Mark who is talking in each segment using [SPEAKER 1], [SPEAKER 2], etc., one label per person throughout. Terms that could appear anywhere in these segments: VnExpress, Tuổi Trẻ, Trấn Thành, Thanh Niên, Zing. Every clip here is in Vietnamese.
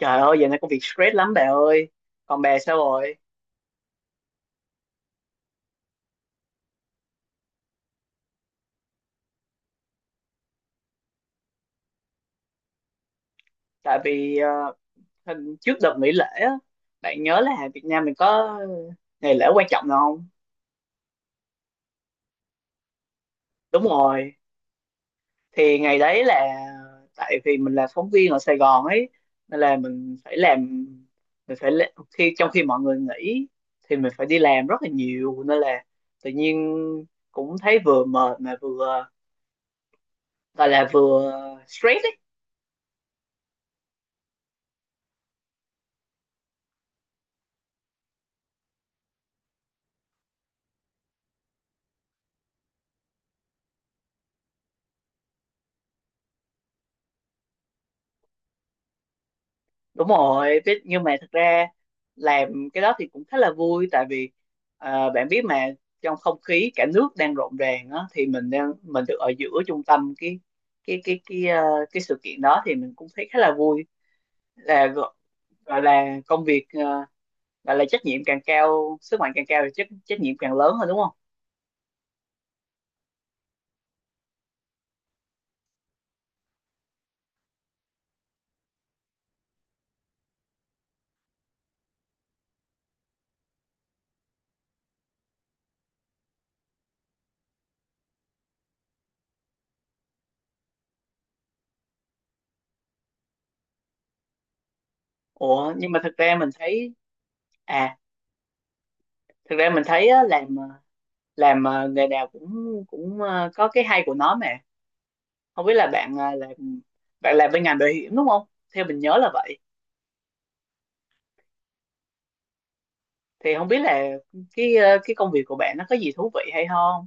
[SPEAKER 1] Trời ơi, giờ này công việc stress lắm bà ơi. Còn bà sao rồi? Tại vì ờ, hình- Trước đợt nghỉ lễ á, bạn nhớ là Việt Nam mình có ngày lễ quan trọng nào không? Đúng rồi. Thì ngày đấy là, tại vì mình là phóng viên ở Sài Gòn ấy, nên là mình phải làm, mình phải lễ- trong khi mọi người nghỉ thì mình phải đi làm rất là nhiều, nên là tự nhiên cũng thấy vừa mệt mà vừa gọi là vừa stress. Đúng rồi, biết, nhưng mà thật ra làm cái đó thì cũng khá là vui, tại vì bạn biết mà, trong không khí cả nước đang rộn ràng á thì mình được ở giữa trung tâm cái cái cái ờ, cái sự kiện đó, thì mình cũng thấy khá là vui, là gọi gọi là công việc ờ, gọi là trách nhiệm càng cao sức mạnh càng cao thì trách trách nhiệm càng lớn hơn, đúng không? Ủa, nhưng mà à thật ra mình thấy á, nghề nào cũng cũng ờ, có cái hay của nó mà. Không biết là bạn à, bạn làm bên ngành bảo hiểm đúng không, theo mình nhớ là vậy. Thì không biết là cái công việc của bạn nó có gì thú vị hay không.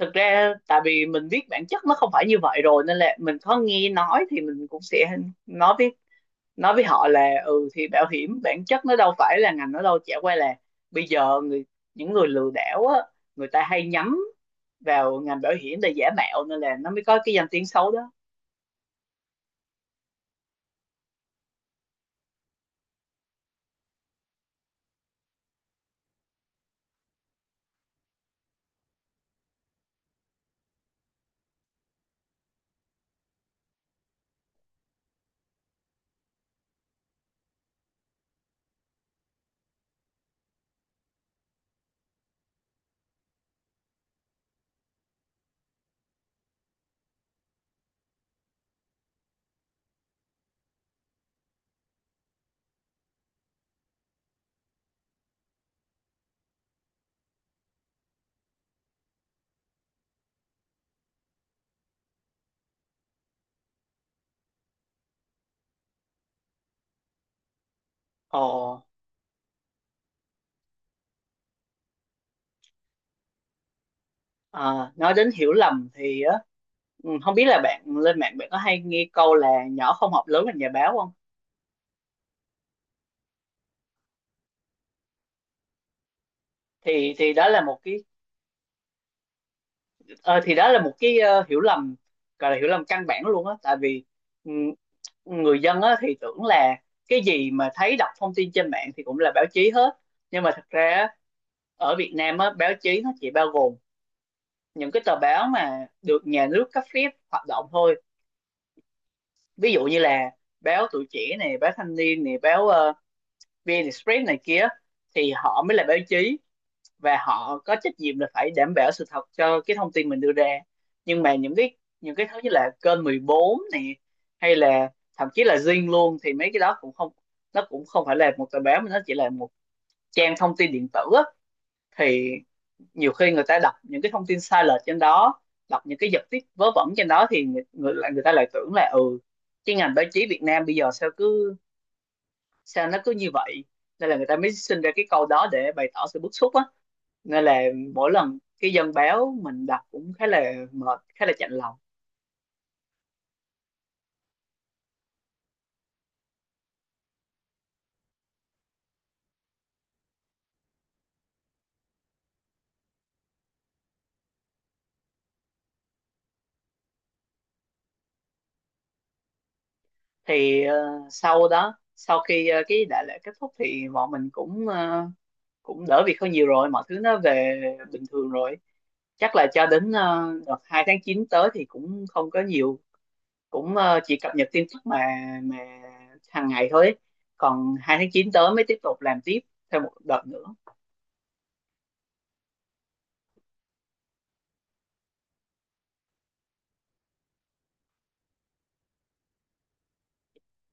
[SPEAKER 1] Thực ra tại vì mình biết bản chất nó không phải như vậy rồi, nên là mình có nghe nói thì mình cũng sẽ nói với nói với họ là, ừ thì bảo hiểm bản chất nó đâu phải là ngành, nó đâu chả qua là bây giờ những người lừa đảo á, người ta hay nhắm vào ngành bảo hiểm để giả mạo, nên là nó mới có cái danh tiếng xấu đó. Ồ. Ờ, nói đến hiểu lầm thì á, không biết là bạn lên mạng bạn có hay nghe câu là nhỏ không học lớn thành nhà báo không? Thì đó là một cái ờ, thì đó là một cái ờ, hiểu lầm, gọi là hiểu lầm căn bản luôn á, tại vì ừ, người dân á thì tưởng là cái gì mà thấy đọc thông tin trên mạng thì cũng là báo chí hết, nhưng mà thật ra á, ở Việt Nam á báo chí nó chỉ bao gồm những cái tờ báo mà được nhà nước cấp phép hoạt động thôi, ví dụ như là báo Tuổi Trẻ này, báo Thanh Niên này, báo VnExpress này kia, thì họ mới là báo chí và họ có trách nhiệm là phải đảm bảo sự thật cho cái thông tin mình đưa ra. Nhưng mà những cái thứ như là kênh 14 này, hay là thậm chí là Zing luôn thì mấy cái đó cũng không, nó cũng không phải là một tờ báo mà nó chỉ là một trang thông tin điện tử á, thì nhiều khi người ta đọc những cái thông tin sai lệch trên đó, đọc những cái giật tít vớ vẩn trên đó, thì người ta lại tưởng là, ừ cái ngành báo chí Việt Nam bây giờ sao nó cứ như vậy, nên là người ta mới sinh ra cái câu đó để bày tỏ sự bức xúc á, nên là mỗi lần cái dân báo mình đọc cũng khá là mệt, khá là chạnh lòng. Thì sau đó sau khi cái đại lễ kết thúc thì bọn mình cũng đỡ việc hơn nhiều rồi, mọi thứ nó về bình thường rồi, chắc là cho đến đợt 2 tháng chín tới thì cũng không có nhiều, cũng chỉ cập nhật tin tức mà mà hàng ngày thôi, còn 2 tháng 9 tới mới tiếp tục làm tiếp thêm một đợt nữa.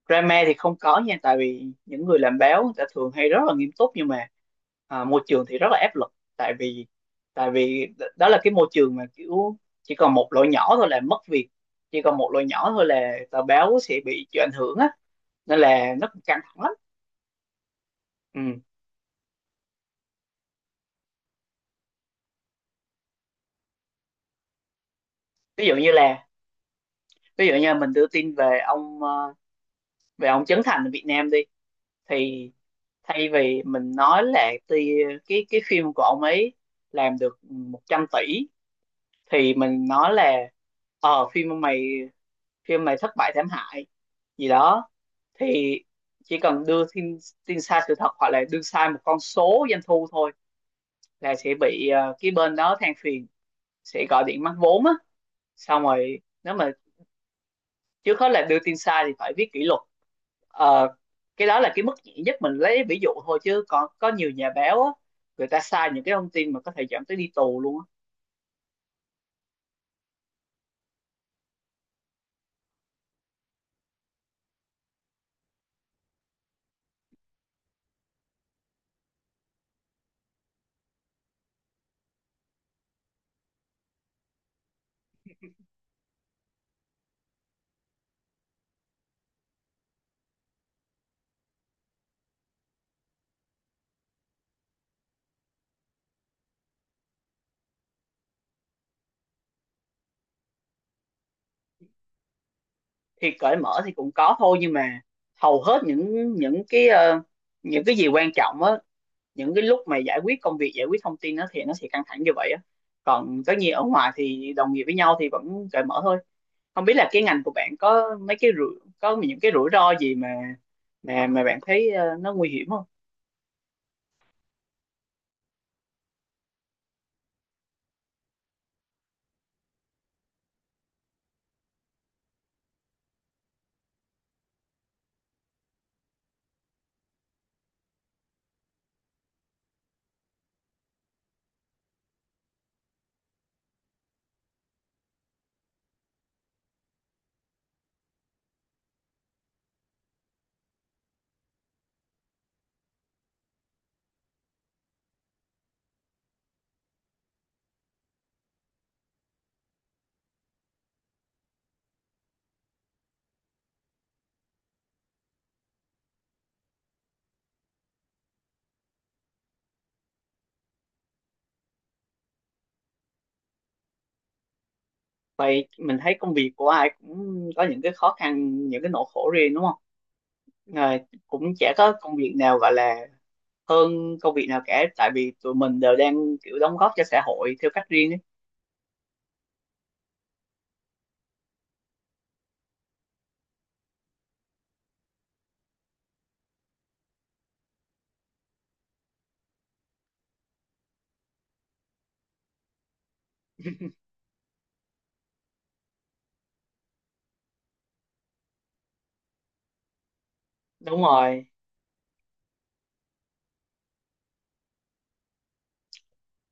[SPEAKER 1] Drama thì không có nha, tại vì những người làm báo người ta thường hay rất là nghiêm túc, nhưng mà môi trường thì rất là áp lực, tại vì đó là cái môi trường mà kiểu chỉ còn một lỗi nhỏ thôi là mất việc, chỉ còn một lỗi nhỏ thôi là tờ báo sẽ bị chịu ảnh hưởng á, nên là nó cũng căng thẳng lắm. Ừ. ví dụ như là Ví dụ như mình đưa tin về ông Trấn Thành ở Việt Nam đi, thì thay vì mình nói là, cái phim của ông ấy làm được 100 tỷ, thì mình nói là, ờ phim mà mày phim mày thất bại thảm hại gì đó, thì chỉ cần đưa tin tin sai sự thật hoặc là đưa sai một con số doanh thu thôi, là sẽ bị cái bên đó than phiền, sẽ gọi điện mắc vốn á. Xong rồi nếu mà trước hết là đưa tin sai thì phải viết kỷ luật. Ờ, cái đó là cái mức nhẹ nhất mình lấy ví dụ thôi, chứ còn có nhiều nhà báo á người ta sai những cái thông tin mà có thể dẫn tới đi tù luôn á. Thì cởi mở thì cũng có thôi, nhưng mà hầu hết những cái gì quan trọng á, những cái lúc mà giải quyết công việc, giải quyết thông tin nó thì nó sẽ căng thẳng như vậy á, còn tất nhiên ở ngoài thì đồng nghiệp với nhau thì vẫn cởi mở thôi. Không biết là cái ngành của bạn có những cái rủi ro gì mà mà bạn thấy nó nguy hiểm không. Vậy mình thấy công việc của ai cũng có những cái khó khăn, những cái nỗi khổ riêng, đúng không. Ờ, Cũng chả có công việc nào gọi là hơn công việc nào cả, tại vì tụi mình đều đang kiểu đóng góp cho xã hội theo cách riêng ấy, đúng rồi.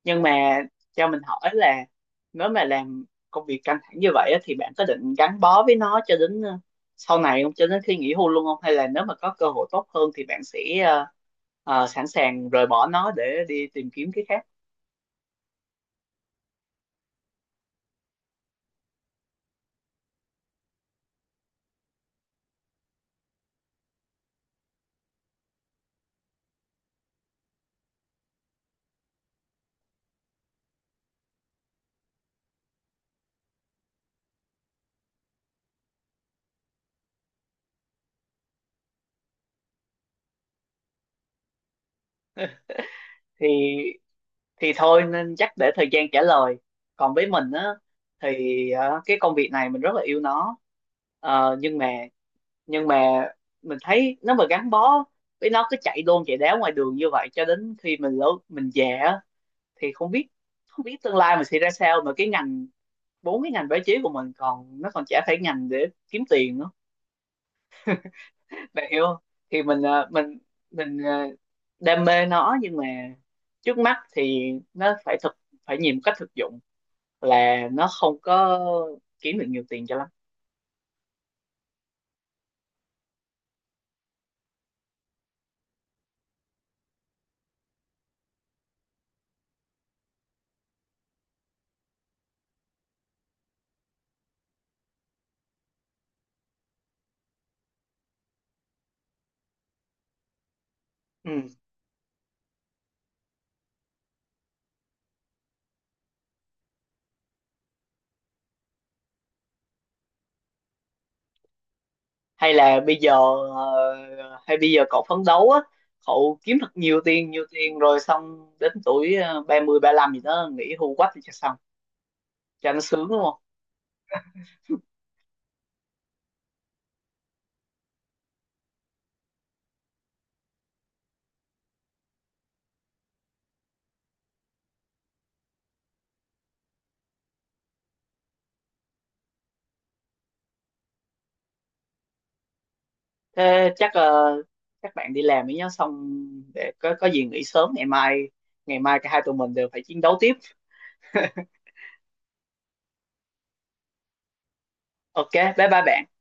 [SPEAKER 1] Nhưng mà cho mình hỏi là, nếu mà làm công việc căng thẳng như vậy á, thì bạn có định gắn bó với nó cho đến sau này không, cho đến khi nghỉ hưu luôn không, hay là nếu mà có cơ hội tốt hơn thì bạn sẽ ờ, sẵn sàng rời bỏ nó để đi tìm kiếm cái khác. Thì thì thôi nên chắc để thời gian trả lời, còn với mình á thì cái công việc này mình rất là yêu nó. Nhưng mà nhưng mà mình thấy nếu mà gắn bó với nó cứ chạy đôn chạy đáo ngoài đường như vậy cho đến khi mình lớn mình già á, thì không biết, không biết tương lai mình sẽ ra sao, mà cái ngành, cái ngành báo chí của mình còn, nó còn chả phải ngành để kiếm tiền nữa, bạn hiểu không. Thì mình ờ, đam mê nó, nhưng mà trước mắt thì nó phải thực phải nhìn một cách thực dụng, là nó không có kiếm được nhiều tiền cho lắm. Ừ. hay là bây giờ Hay bây giờ cậu phấn đấu á, cậu kiếm thật nhiều tiền rồi xong đến tuổi 30 lăm gì đó nghỉ hưu quách thì cho xong, cho nó sướng đúng không. Thế chắc các bạn đi làm đi nhá, xong để có gì nghỉ sớm ngày mai, ngày mai cả hai tụi mình đều phải chiến đấu tiếp. OK bye bye bạn.